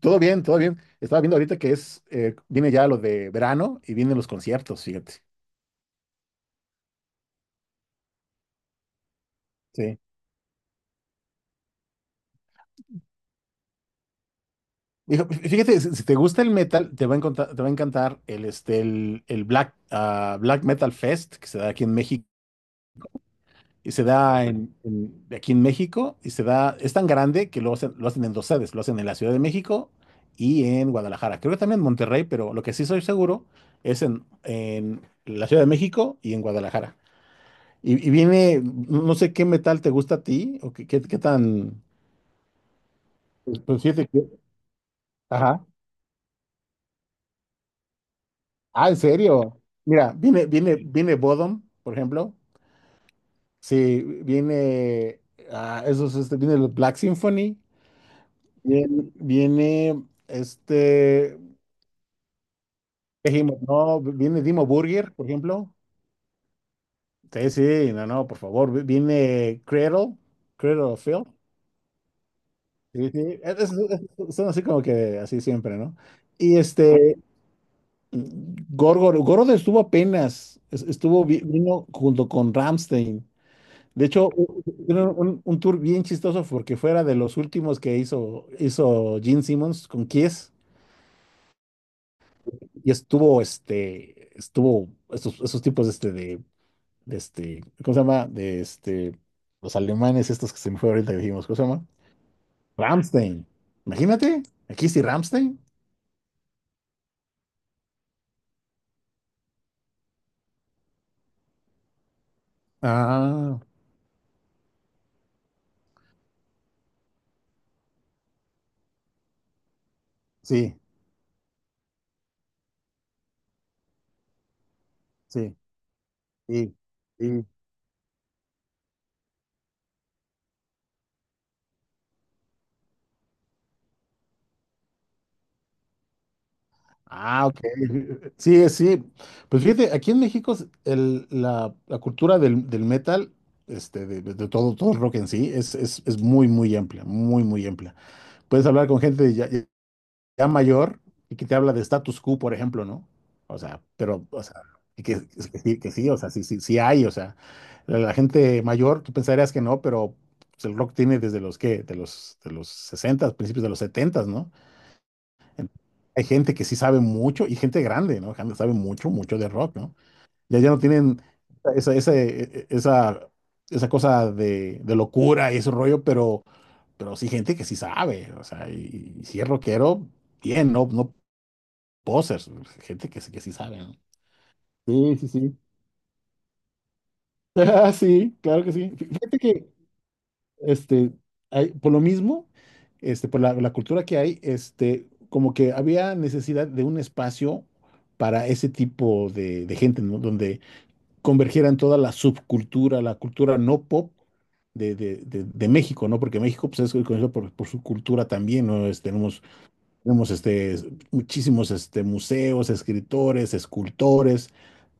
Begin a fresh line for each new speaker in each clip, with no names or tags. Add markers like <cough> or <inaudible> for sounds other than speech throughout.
Todo bien, todo bien. Estaba viendo ahorita que es, viene ya lo de verano y vienen los conciertos, fíjate. Sí. Dijo, fíjate, si te gusta el metal, te va a encantar el Black Metal Fest que se da aquí en México. Y se da aquí en México, y se da, es tan grande que lo hacen en dos sedes, lo hacen en la Ciudad de México y en Guadalajara. Creo que también en Monterrey, pero lo que sí soy seguro es en la Ciudad de México y en Guadalajara. Y viene, no sé qué metal te gusta a ti, o qué tan. Pues fíjate que. Ajá. Ah, en serio. Mira, viene Bodom, por ejemplo. Sí, viene. Ah, viene el Black Symphony. Viene. Dijimos no, viene Dimo Burger, por ejemplo. Sí, sí, no, no, por favor. Viene Cradle, Cradle of Filth. Sí, sí. Son así como que así siempre, ¿no? Y este. Gorgoroth estuvo apenas, vino junto con Ramstein. De hecho, hicieron un tour bien chistoso porque fuera de los últimos que hizo, hizo Gene Simmons con Kiss, y estuvo, estuvo esos tipos de ¿cómo se llama? Los alemanes estos, que se me fue ahorita, ¿cómo se llama? Ramstein. Imagínate, aquí sí Ramstein. Ah, sí, sí, sí. Sí. Ah, ok. Sí, sí. Pues fíjate, aquí en México la cultura del metal, de, todo, todo el rock en sí, es muy, muy amplia, muy, muy amplia. Puedes hablar con gente ya mayor y que te habla de status quo, por ejemplo, ¿no? O sea, pero, o sea, y que sí, que sí, o sea, sí, sí, sí hay, o sea, la gente mayor, tú pensarías que no, pero pues, el rock tiene desde los, ¿qué? De los 60, principios de los 70, ¿no? Hay gente que sí sabe mucho, y gente grande, ¿no? Gente que sabe mucho, mucho de rock, ¿no? Ya no tienen esa, esa, e- esa, esa cosa de locura y ese rollo, pero sí, gente que sí sabe, o sea, y si es rockero, bien, no, no posers, gente que sí sabe, ¿no? Sí, sí, sí. <laughs> Ah, sí, claro que sí. Fíjate que este, por lo mismo, por la cultura que hay, como que había necesidad de un espacio para ese tipo de gente, ¿no? Donde convergieran toda la subcultura, la cultura no pop de México, ¿no? Porque México, pues, es conocido por su cultura también, ¿no? Tenemos muchísimos, museos, escritores, escultores,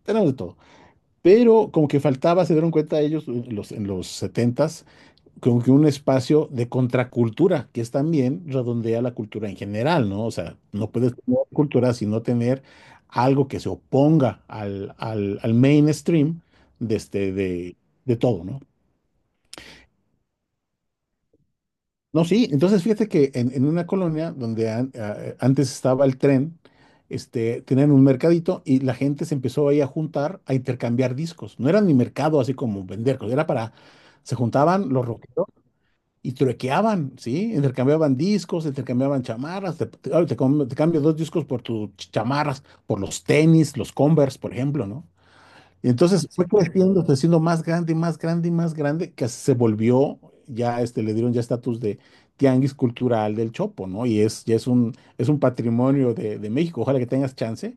tenemos de todo. Pero como que faltaba, se dieron cuenta ellos en los 70, como que un espacio de contracultura, que es también redondea la cultura en general, ¿no? O sea, no puedes tener cultura sino tener algo que se oponga al mainstream de, este, de, de todo, ¿no? No, sí, entonces fíjate que en una colonia donde antes estaba el tren, tenían un mercadito y la gente se empezó ahí a juntar, a intercambiar discos. No era ni mercado así como vender, era para, se juntaban los rockeros. Y truequeaban, ¿sí? Intercambiaban discos, intercambiaban chamarras, te cambio dos discos por tus chamarras, por los tenis, los Converse, por ejemplo, ¿no? Y entonces fue creciendo, fue siendo más grande, y más grande, y más grande, que se volvió, le dieron ya estatus de tianguis cultural del Chopo, ¿no? Y es, ya es un patrimonio de México. Ojalá que tengas chance,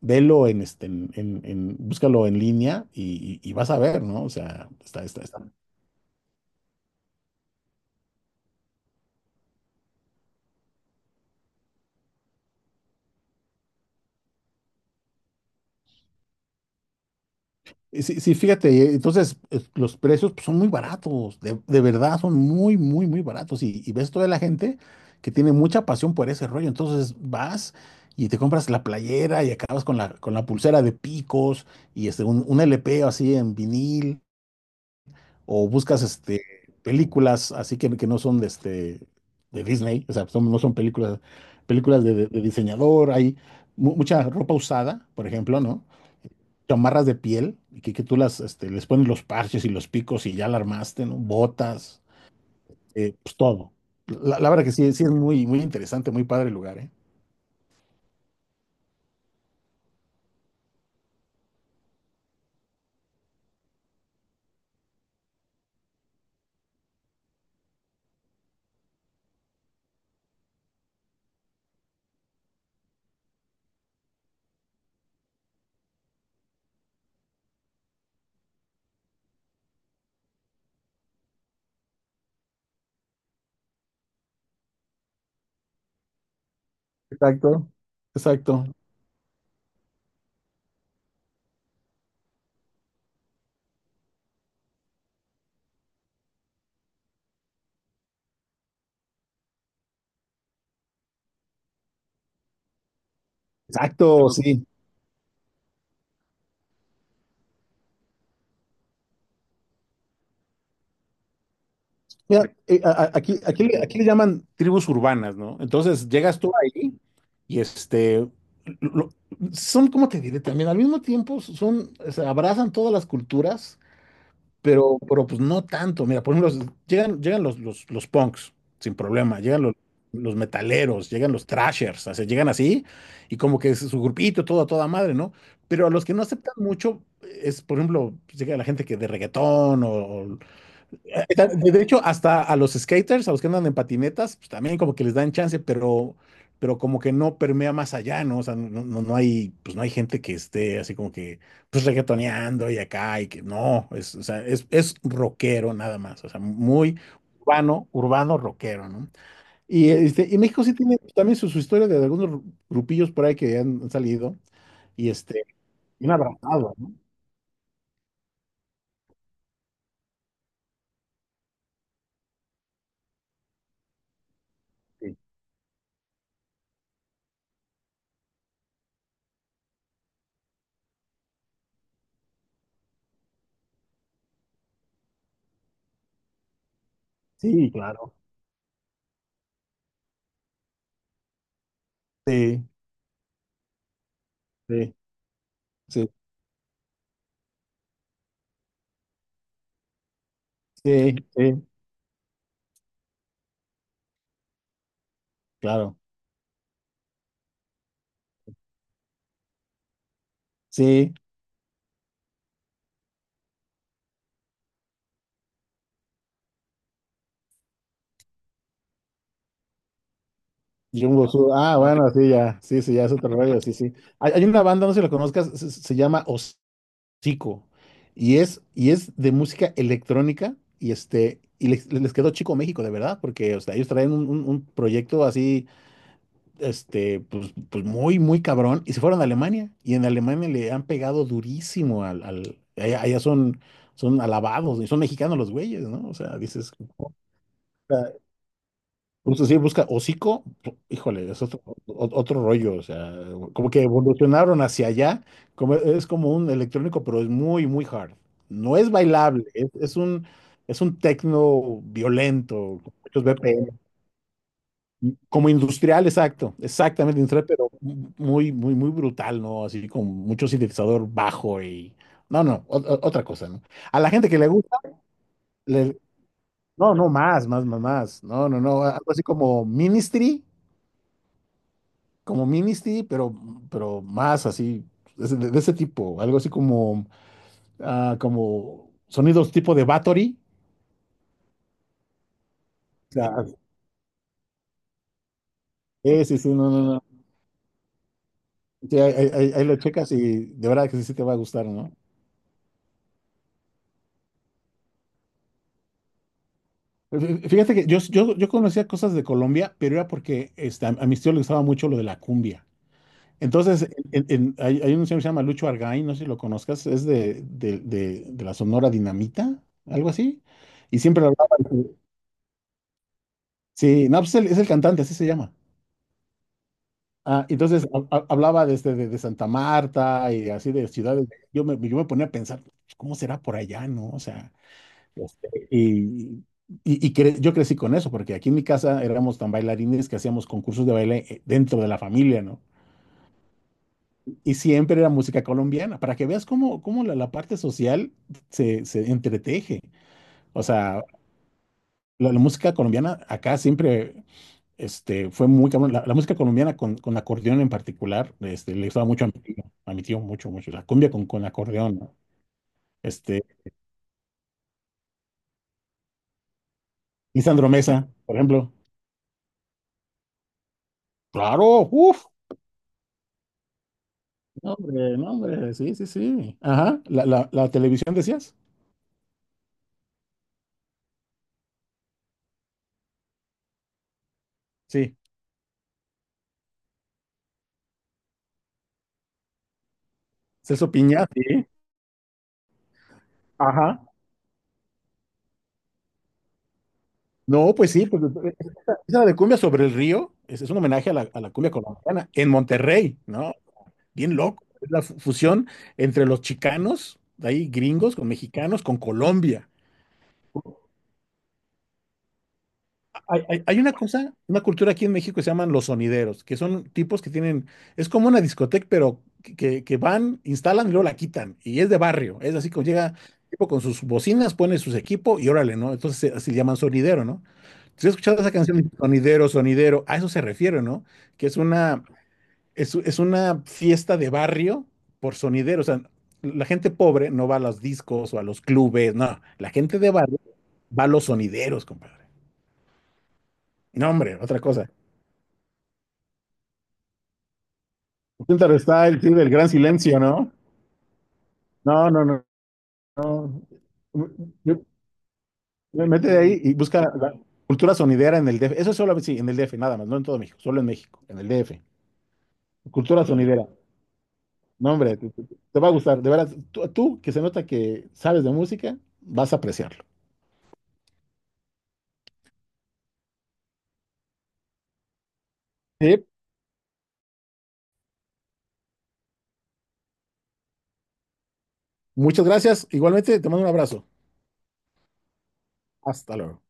velo en, este, en- búscalo en línea, y vas a ver, ¿no? O sea, está. Sí, sí, fíjate, entonces los precios pues, son muy baratos, de verdad son muy, muy, muy baratos. Y ves toda la gente que tiene mucha pasión por ese rollo. Entonces vas y te compras la playera y acabas con la pulsera de picos, y un LP así en vinil, o buscas películas así que no son de Disney, o sea, no son películas de diseñador, hay mucha ropa usada, por ejemplo, ¿no? Chamarras de piel, y que tú les pones los parches y los picos, y ya la armaste, ¿no? Botas, pues todo. La verdad que sí, sí es muy, muy interesante, muy padre el lugar, ¿eh? Exacto. Exacto. Exacto, sí. Mira, aquí le llaman tribus urbanas, ¿no? Entonces llegas tú ahí y lo- son, ¿cómo te diré? También al mismo tiempo se abrazan todas las culturas. Pero pues no tanto. Mira, por ejemplo, llegan los punks sin problema, llegan los metaleros, llegan los thrashers, o sea, llegan así, y como que es su grupito, todo a toda madre, ¿no? Pero a los que no aceptan mucho es, por ejemplo, pues, llega la gente que de reggaetón o, de hecho, hasta a los skaters, a los que andan en patinetas, pues también como que les dan chance, pero como que no permea más allá, ¿no? O sea, no, no, no hay, pues no hay gente que esté así como que, pues reggaetoneando y acá, y que no, o sea, es rockero nada más, o sea, muy urbano, urbano rockero, ¿no? Y México sí tiene también su historia de algunos grupillos por ahí que han salido y bien abrazado, ¿no? Sí, sí, claro. Sí, sí, sí, sí, sí, claro. Sí, Jumbo Ah, bueno, sí, ya. Sí, sí, ya es otro rollo, sí, sí. Hay una banda, no sé si la conozcas, se llama Hocico. Es de música electrónica. Y les quedó Chico México, de verdad, porque o sea, ellos traen un proyecto así, pues muy, muy cabrón. Y se fueron a Alemania. Y en Alemania le han pegado durísimo allá son, son alabados, y son mexicanos los güeyes, ¿no? O sea, dices, justo sí, busca Hocico, híjole, es otro, otro rollo, o sea, como que evolucionaron hacia allá, es como un electrónico, pero es muy, muy hard. No es bailable, es un techno violento, con muchos BPM, como industrial, exacto, exactamente industrial, pero muy, muy, muy brutal, ¿no? Así con mucho sintetizador bajo y, no, no, otra cosa, ¿no? A la gente que le gusta, le- no, no, más, más, más, más, no, no, no, algo así como Ministry. Como Ministry, pero más así, de ese tipo, algo así como sonidos tipo de Battery. O sea, sí, sí, sí, no, no, no. Sí, ahí lo checas, y de verdad que sí, sí te va a gustar, ¿no? Fíjate que yo conocía cosas de Colombia, pero era porque a mis tíos les gustaba mucho lo de la cumbia. Entonces, hay un señor que se llama Lucho Argaín, no sé si lo conozcas, es de la Sonora Dinamita, algo así. Y siempre hablaba sí, no, pues es el cantante, así se llama. Ah, entonces hablaba de Santa Marta y así de ciudades. Yo me ponía a pensar, pues, ¿cómo será por allá, no? O sea, este, y, yo crecí con eso, porque aquí en mi casa éramos tan bailarines que hacíamos concursos de baile, dentro de la familia, ¿no? Y siempre era música colombiana, para que veas cómo, cómo la parte social se entreteje. O sea, la música colombiana acá siempre. Fue muy cabrón. La música colombiana con acordeón en particular, le gustaba mucho a mi tío mucho, mucho. La cumbia con acordeón, ¿no? Este, y Sandro Mesa, por ejemplo. Claro, uff. No, hombre, no, hombre, sí, sí, sí. Ajá, la televisión decías. Sí, Celso Piña, sí. Ajá. No, pues sí, pues, esa de cumbia sobre el río es un homenaje a la cumbia colombiana en Monterrey, ¿no? Bien loco. Es la fusión entre los chicanos, de ahí gringos, con mexicanos, con Colombia. Hay una cosa, una cultura aquí en México que se llaman los sonideros, que son tipos que tienen, es como una discoteca, pero que van, instalan y luego la quitan. Y es de barrio, es así como llega tipo con sus bocinas, pone sus equipos y órale, ¿no? Entonces así le llaman sonidero, ¿no? Si has escuchado esa canción, sonidero, sonidero, a eso se refiere, ¿no? Que es una, es una fiesta de barrio por sonidero. O sea, la gente pobre no va a los discos o a los clubes, no, la gente de barrio va a los sonideros, compadre. No, hombre, otra cosa. Filter Style, sí, del gran silencio, ¿no? No, no, no. No. Yo- Mete ahí y busca la cultura sonidera en el DF. Eso solo, sí, en el DF, nada más, no en todo México, solo en México, en el DF. Cultura sonidera. No, hombre, te va a gustar. De verdad, tú, que se nota que sabes de música, vas a apreciarlo. Sí. Muchas gracias. Igualmente, te mando un abrazo. Hasta luego.